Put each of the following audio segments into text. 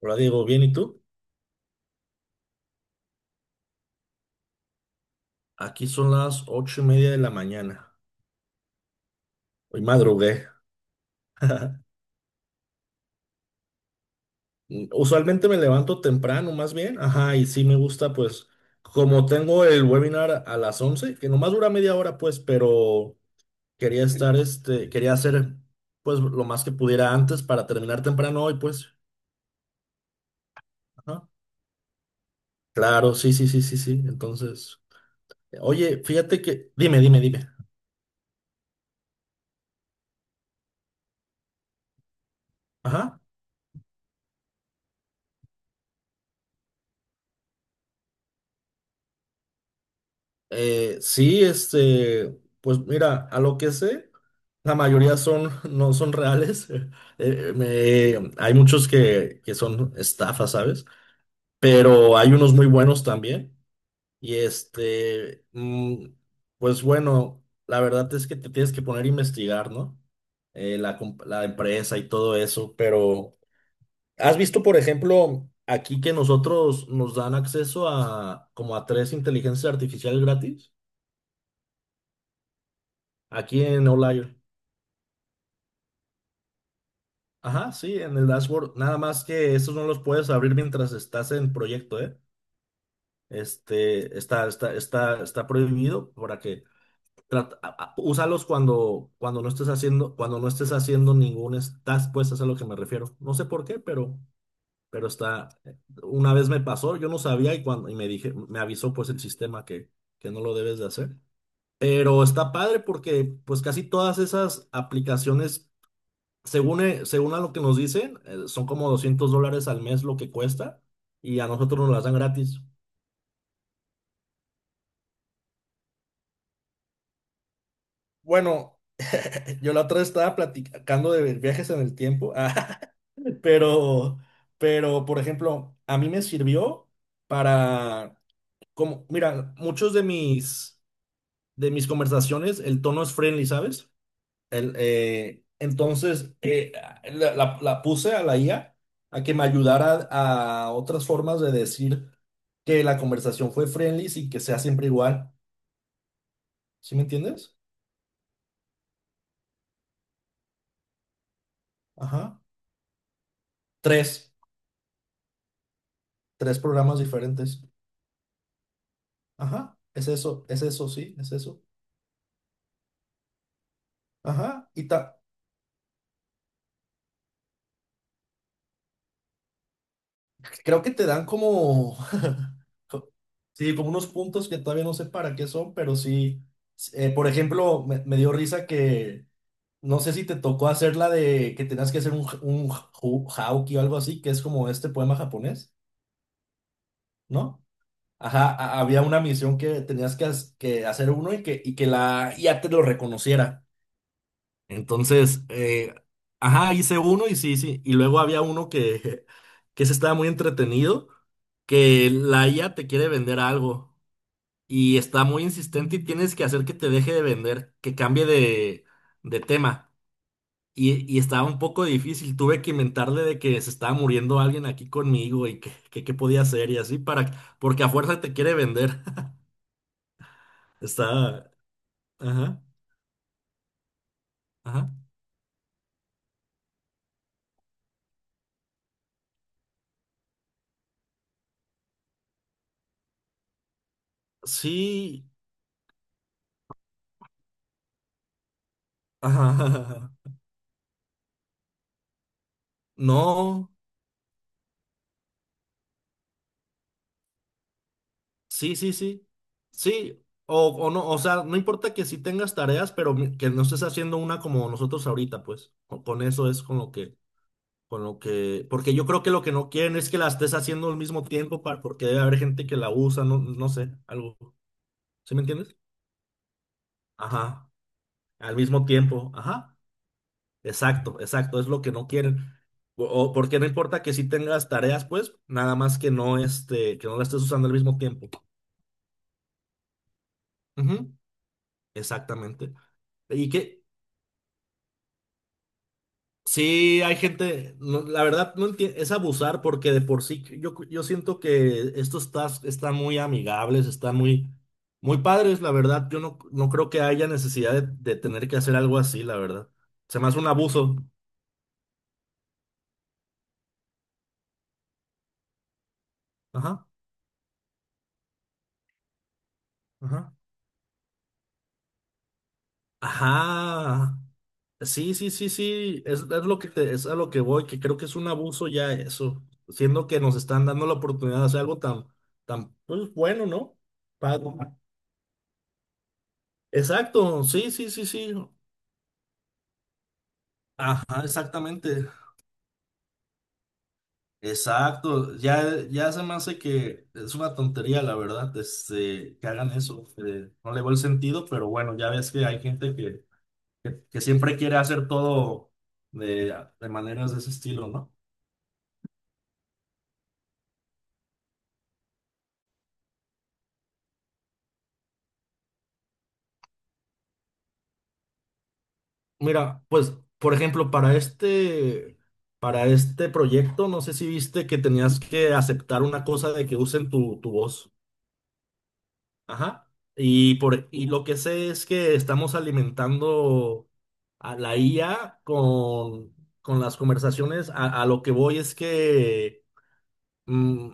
Hola Diego, ¿bien y tú? Aquí son las 8:30 de la mañana. Hoy madrugué. Usualmente me levanto temprano, más bien. Ajá, y sí me gusta, pues, como tengo el webinar a las 11, que nomás dura 1/2 hora, pues, pero quería estar, quería hacer, pues, lo más que pudiera antes para terminar temprano hoy, pues. Ajá. Claro, sí, sí, sí, sí, sí. Entonces, oye, fíjate que, dime. Ajá. Sí, pues mira, a lo que sé, la mayoría son, no son reales. Me- hay muchos que son estafas, ¿sabes? Pero hay unos muy buenos también. Y pues bueno, la verdad es que te tienes que poner a investigar, ¿no? La, comp- la empresa y todo eso. Pero, ¿has visto, por ejemplo, aquí que nosotros nos dan acceso a como a 3 inteligencias artificiales gratis? Aquí en Outlier. Ajá, sí, en el dashboard. Nada más que estos no los puedes abrir mientras estás en proyecto, ¿eh? Está prohibido para que trata- a- úsalos cuando, cuando no estés haciendo, cuando no estés haciendo ningún es- task, pues es a lo que me refiero. No sé por qué, pero está. Una vez me pasó, yo no sabía y cuando, y me dije, me avisó pues el sistema que no lo debes de hacer. Pero está padre porque pues casi todas esas aplicaciones según, según a lo que nos dicen, son como $200 al mes lo que cuesta y a nosotros nos las dan gratis. Bueno, yo la otra vez estaba platicando de viajes en el tiempo, pero, pero, por ejemplo, a mí me sirvió para, como, mira, muchos de mis conversaciones, el tono es friendly, ¿sabes? El, entonces, la puse a la IA a que me ayudara a otras formas de decir que la conversación fue friendly y que sea siempre igual. ¿Sí me entiendes? Ajá. 3, 3 programas diferentes. Ajá. Es eso, sí, es eso. Ajá. Y ta- creo que te dan como, co- sí, como unos puntos que todavía no sé para qué son, pero sí. Por ejemplo, me dio risa que... No sé si te tocó hacer la de que tenías que hacer un, j- un hu- hauki o algo así, que es como este poema japonés, ¿no? Ajá, a- había una misión que tenías que, has- que hacer uno y que la IA te lo reconociera. Entonces, ajá, hice uno y sí, sí. Y luego había uno que se estaba muy entretenido, que la IA te quiere vender algo y está muy insistente y tienes que hacer que te deje de vender, que cambie de tema. Y estaba un poco difícil, tuve que inventarle de que se estaba muriendo alguien aquí conmigo y que, qué podía hacer y así para, porque a fuerza te quiere vender. Está, ajá, ajá. Sí, ajá, ajá, ajá. No, sí, sí, sí. Sí, o no, o sea, no importa que sí tengas tareas, pero mi- que no estés haciendo una como nosotros ahorita, pues. Con eso es con lo que, porque yo creo que lo que no quieren es que la estés haciendo al mismo tiempo para, porque debe haber gente que la usa, no, no sé, algo. ¿Sí me entiendes? Ajá. Al mismo tiempo. Ajá. Exacto, exacto. Es lo que no quieren. O porque no importa que sí tengas tareas, pues, nada más que no este, que no la estés usando al mismo tiempo. Ujú, exactamente. Y que sí hay gente, no, la verdad no entiendo, es abusar porque de por sí yo siento que estos tasks están muy amigables, están muy, muy padres, la verdad. Yo no, no creo que haya necesidad de tener que hacer algo así, la verdad. Se me hace un abuso. Ajá, ajá. Ajá. Sí, sí, sí, sí. Es lo que te- es a lo que voy, que creo que es un abuso ya eso. Siendo que nos están dando la oportunidad de hacer algo tan, tan, pues bueno, ¿no? Pago. Exacto, sí, sí, sí, sí. Ajá, exactamente. Exacto. Ya, ya se me hace que es una tontería, la verdad, que hagan eso. No le veo el sentido, pero bueno, ya ves que hay gente que siempre quiere hacer todo de maneras de ese estilo, ¿no? Mira, pues, por ejemplo, para este proyecto, no sé si viste que tenías que aceptar una cosa de que usen tu, tu voz. Ajá. Y por, y lo que sé es que estamos alimentando a la IA con las conversaciones. A lo que voy es que mm,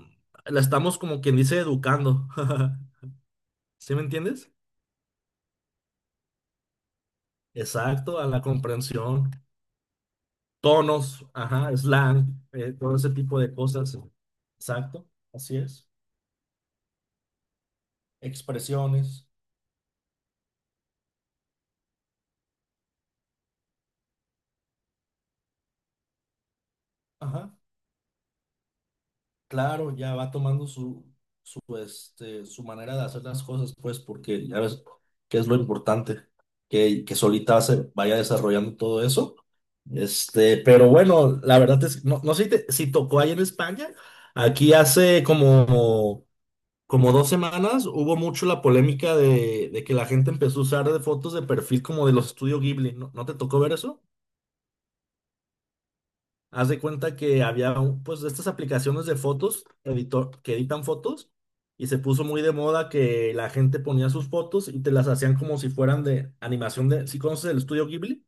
la estamos como quien dice educando. ¿Sí me entiendes? Exacto, a la comprensión. Tonos, ajá, slang, todo ese tipo de cosas. Exacto, así es. Expresiones, ajá. Claro, ya va tomando su, su, su manera de hacer las cosas, pues, porque ya ves que es lo importante, que solita se vaya desarrollando todo eso. Pero bueno, la verdad es, no, no sé si, te- si tocó ahí en España, aquí hace como como 2 semanas hubo mucho la polémica de que la gente empezó a usar de fotos de perfil como de los estudios Ghibli. ¿No, no te tocó ver eso? Haz de cuenta que había un- pues de estas aplicaciones de fotos, editor, que editan fotos, y se puso muy de moda que la gente ponía sus fotos y te las hacían como si fueran de animación de, ¿sí conoces el estudio Ghibli?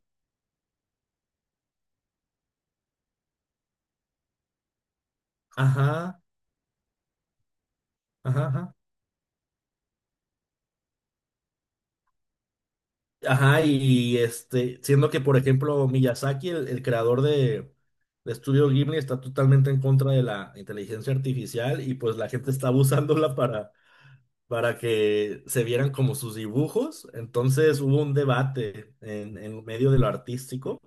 Ajá, ajá, ajá. Ajá, y siendo que, por ejemplo, Miyazaki, el creador de Estudio Ghibli, está totalmente en contra de la inteligencia artificial y pues la gente está abusándola para que se vieran como sus dibujos. Entonces hubo un debate en medio de lo artístico,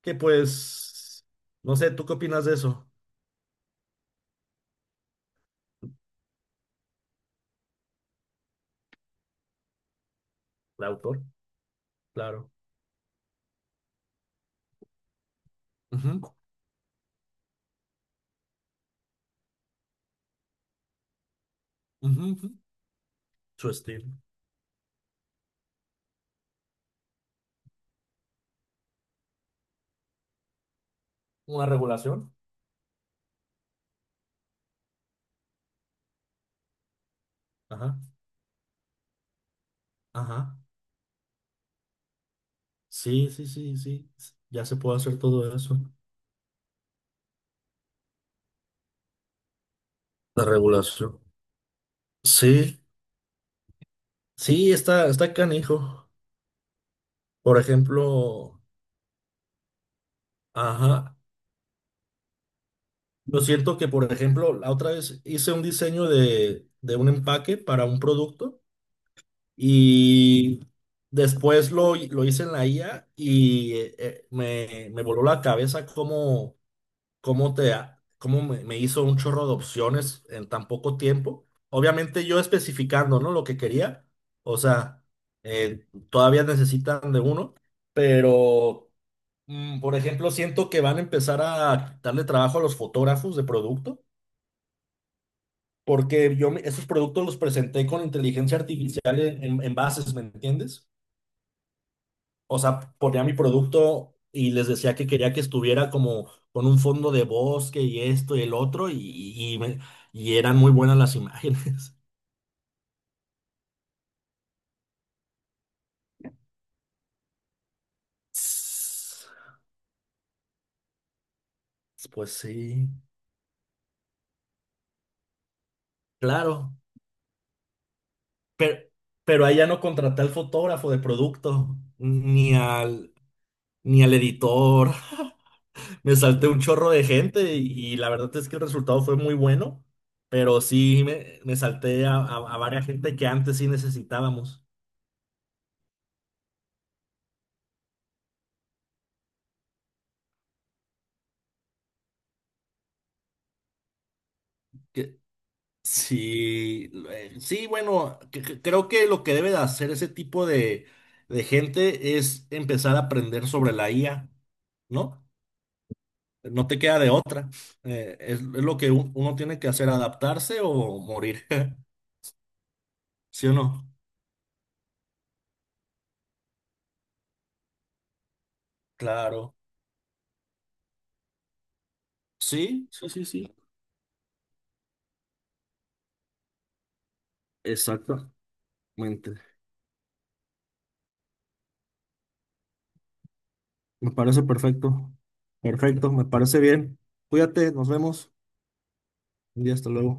que pues, no sé, ¿tú qué opinas de eso? El autor, claro. Ujú, ujú, ujú. Su estilo. Una regulación. Ajá, ajá. Sí, sí, sí, sí. Ya se puede hacer todo eso. La regulación. Sí, sí, está, está canijo. Por ejemplo, ajá. Yo siento que, por ejemplo, la otra vez hice un diseño de un empaque para un producto y después lo hice en la IA y me, me voló la cabeza cómo, cómo te, ha- cómo me, me hizo un chorro de opciones en tan poco tiempo. Obviamente yo especificando, ¿no? Lo que quería. O sea, todavía necesitan de uno, pero, por ejemplo, siento que van a empezar a darle trabajo a los fotógrafos de producto, porque yo me- esos productos los presenté con inteligencia artificial en bases, ¿me entiendes? O sea, ponía mi producto y les decía que quería que estuviera como con un fondo de bosque y esto y el otro, y me- y eran muy buenas las imágenes. Pues sí, claro, pero, pero ahí ya no contraté al fotógrafo de producto, ni al, ni al editor. Me salté un chorro de gente y la verdad es que el resultado fue muy bueno, pero sí me salté a varias gente que antes sí necesitábamos. Sí, sí, bueno, cre- cre- creo que lo que debe de hacer ese tipo de gente es empezar a aprender sobre la IA, ¿no? No te queda de otra. Es lo que un- uno tiene que hacer, adaptarse o morir, ¿sí o no? Claro. Sí, sí, sí, sí. Exactamente. Me parece perfecto. Perfecto, me parece bien. Cuídate, nos vemos. Y hasta luego.